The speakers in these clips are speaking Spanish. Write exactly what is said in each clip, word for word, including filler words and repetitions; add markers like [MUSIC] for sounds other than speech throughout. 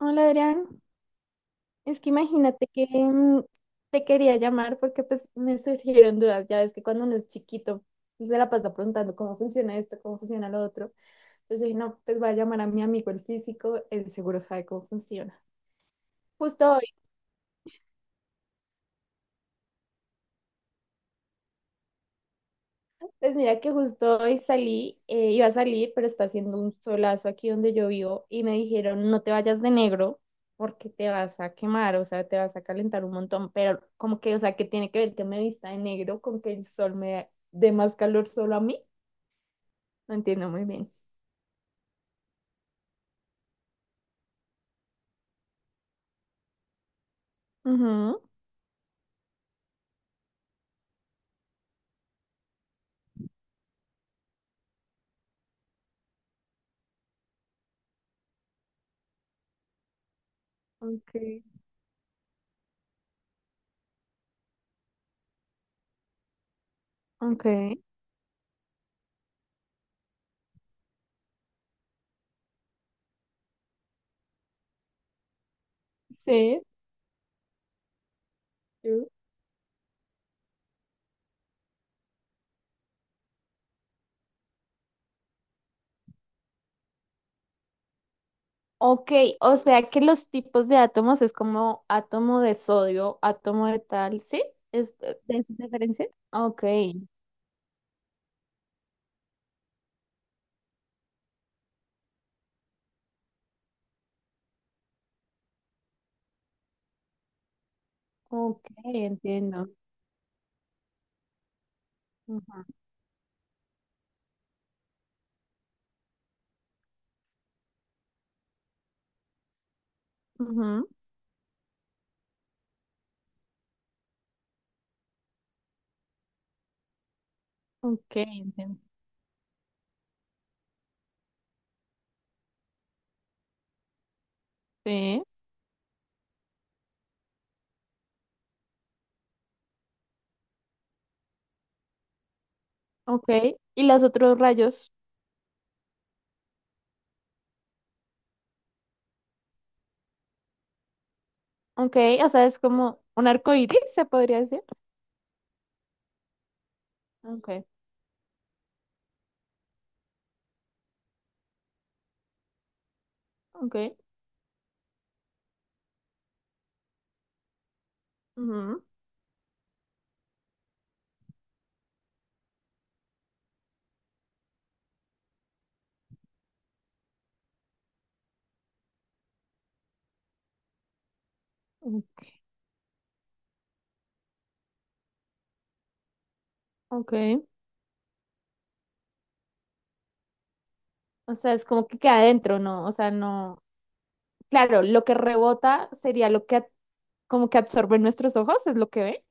Hola Adrián, es que imagínate que mm, te quería llamar porque pues me surgieron dudas, ya ves que cuando uno es chiquito pues, se la pasa preguntando cómo funciona esto, cómo funciona lo otro, entonces dije, no, pues voy a llamar a mi amigo el físico, él seguro sabe cómo funciona. Justo hoy, pues mira que justo hoy salí, eh, iba a salir, pero está haciendo un solazo aquí donde yo vivo y me dijeron, no te vayas de negro porque te vas a quemar, o sea, te vas a calentar un montón, pero como que, o sea, ¿qué tiene que ver que me vista de negro con que el sol me dé más calor solo a mí? No entiendo muy bien. Ujú. Ok, ok. Sí. Sí. Ok, o sea que los tipos de átomos es como átomo de sodio, átomo de tal, ¿sí? ¿Es de esa diferencia? Ok. Ok, entiendo. Ujú, ujú. Ok, entiendo. Sí, ok. ¿Y los otros rayos? Ok, o sea, es como un arco iris, se podría decir. Ok, ok. Ujú. Mm. Ok. O sea, es como que queda adentro, ¿no? O sea, no. Claro, lo que rebota sería lo que a- como que absorbe nuestros ojos, es lo que ve.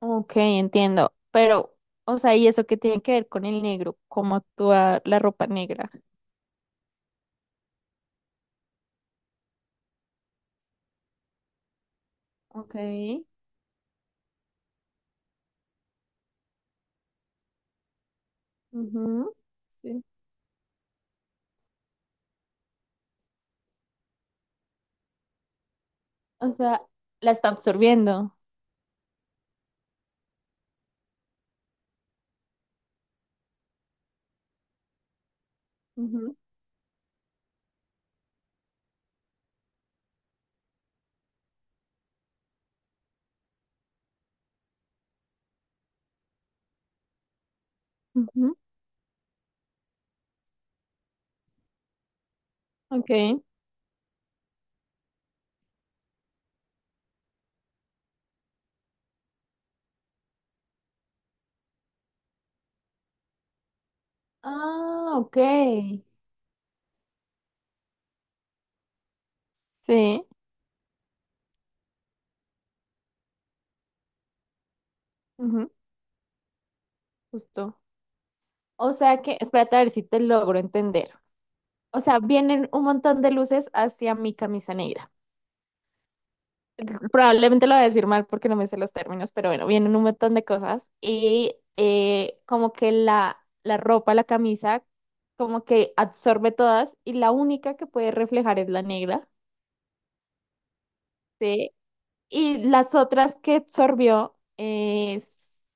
Ok, entiendo. Pero, o sea, ¿y eso qué tiene que ver con el negro? ¿Cómo actúa la ropa negra? Ok. Ujú. Sí. O sea, la está absorbiendo. Ujú, ujú. Ok. Ah, ok. Sí. Ujú. Justo. O sea que, espérate a ver si te logro entender. O sea, vienen un montón de luces hacia mi camisa negra. Probablemente lo voy a decir mal porque no me sé los términos, pero bueno, vienen un montón de cosas y eh, como que la, la ropa, la camisa, como que absorbe todas y la única que puede reflejar es la negra. Sí. Y las otras que absorbió eh,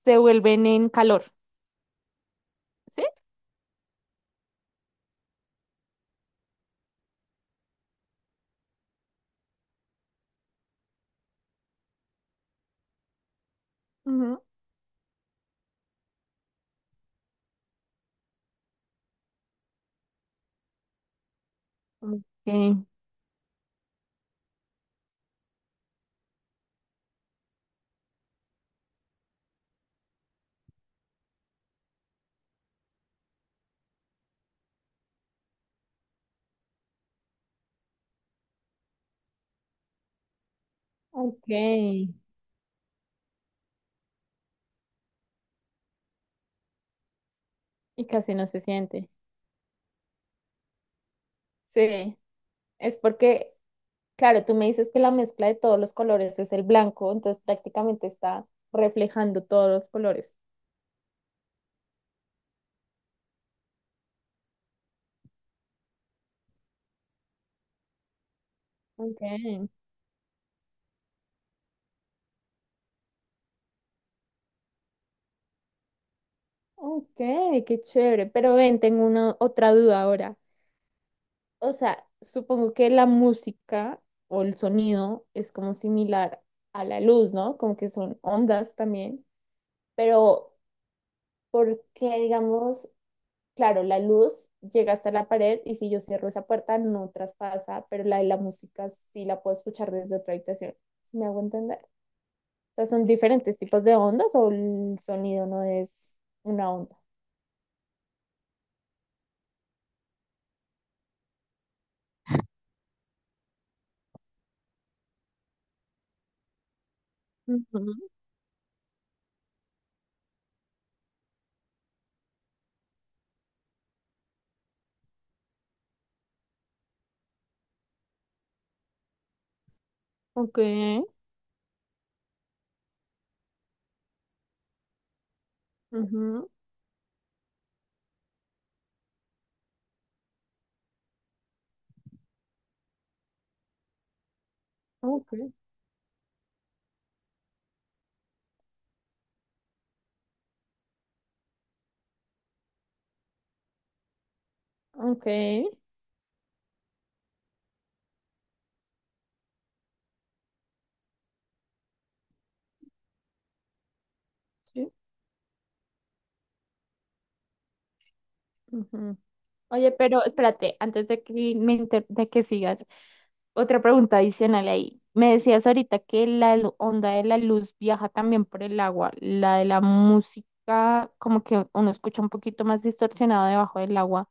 se vuelven en calor, ¿sí? Ujú. Ok, ok. Y casi no se siente. Sí, es porque, claro, tú me dices que la mezcla de todos los colores es el blanco, entonces prácticamente está reflejando todos los colores. Ok, ok, qué chévere. Pero ven, tengo una otra duda ahora. O sea, supongo que la música o el sonido es como similar a la luz, ¿no? Como que son ondas también, pero porque, digamos, claro, la luz llega hasta la pared y si yo cierro esa puerta no traspasa, pero la de la música sí la puedo escuchar desde otra habitación. ¿Sí me hago entender? O sea, son diferentes tipos de ondas o el sonido no es una onda. Ujú. Ok, ujú, ok, ok, sí. Ujú. Oye, pero espérate, antes de que me inter- de que sigas, otra pregunta adicional ahí. Me decías ahorita que la lu- onda de la luz viaja también por el agua, la de la música, como que uno escucha un poquito más distorsionado debajo del agua,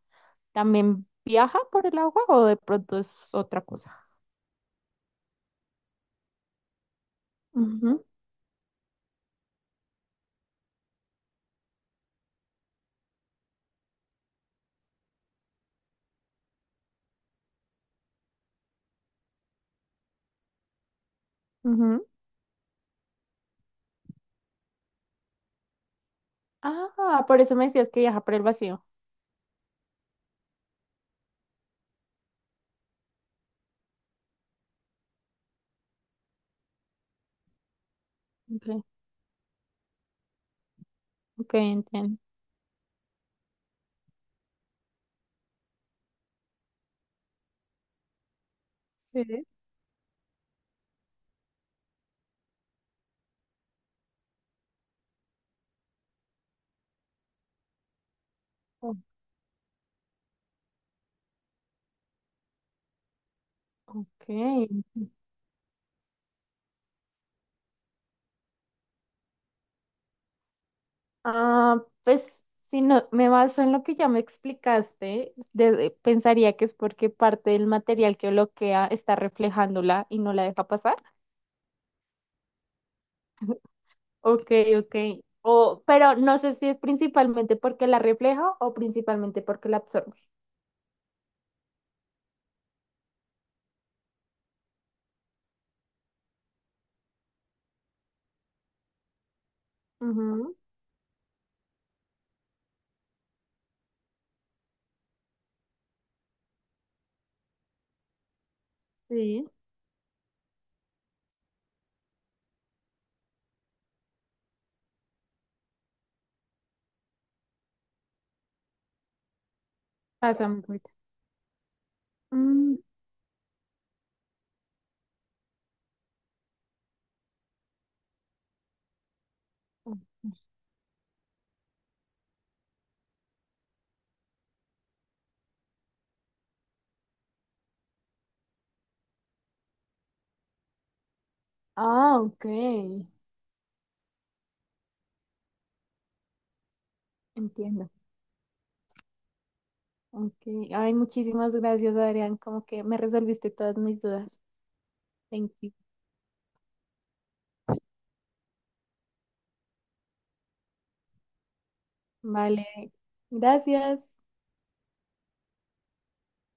¿también viaja por el agua o de pronto es otra cosa? Ujú, ujú. Ah, por eso me decías que viaja por el vacío. Ok, ok, entiendo. Sí. Ok. Ah, pues si no me baso en lo que ya me explicaste, de- pensaría que es porque parte del material que bloquea está reflejándola y no la deja pasar. [LAUGHS] Ok, ok. O, pero no sé si es principalmente porque la refleja o principalmente porque la absorbe. Ujú, sí, pasa un poquito. Mm, ok. Ah, ok, entiendo. Okay. Ay, muchísimas gracias, Adrián. Como que me resolviste todas mis dudas. Thank you. Vale, gracias.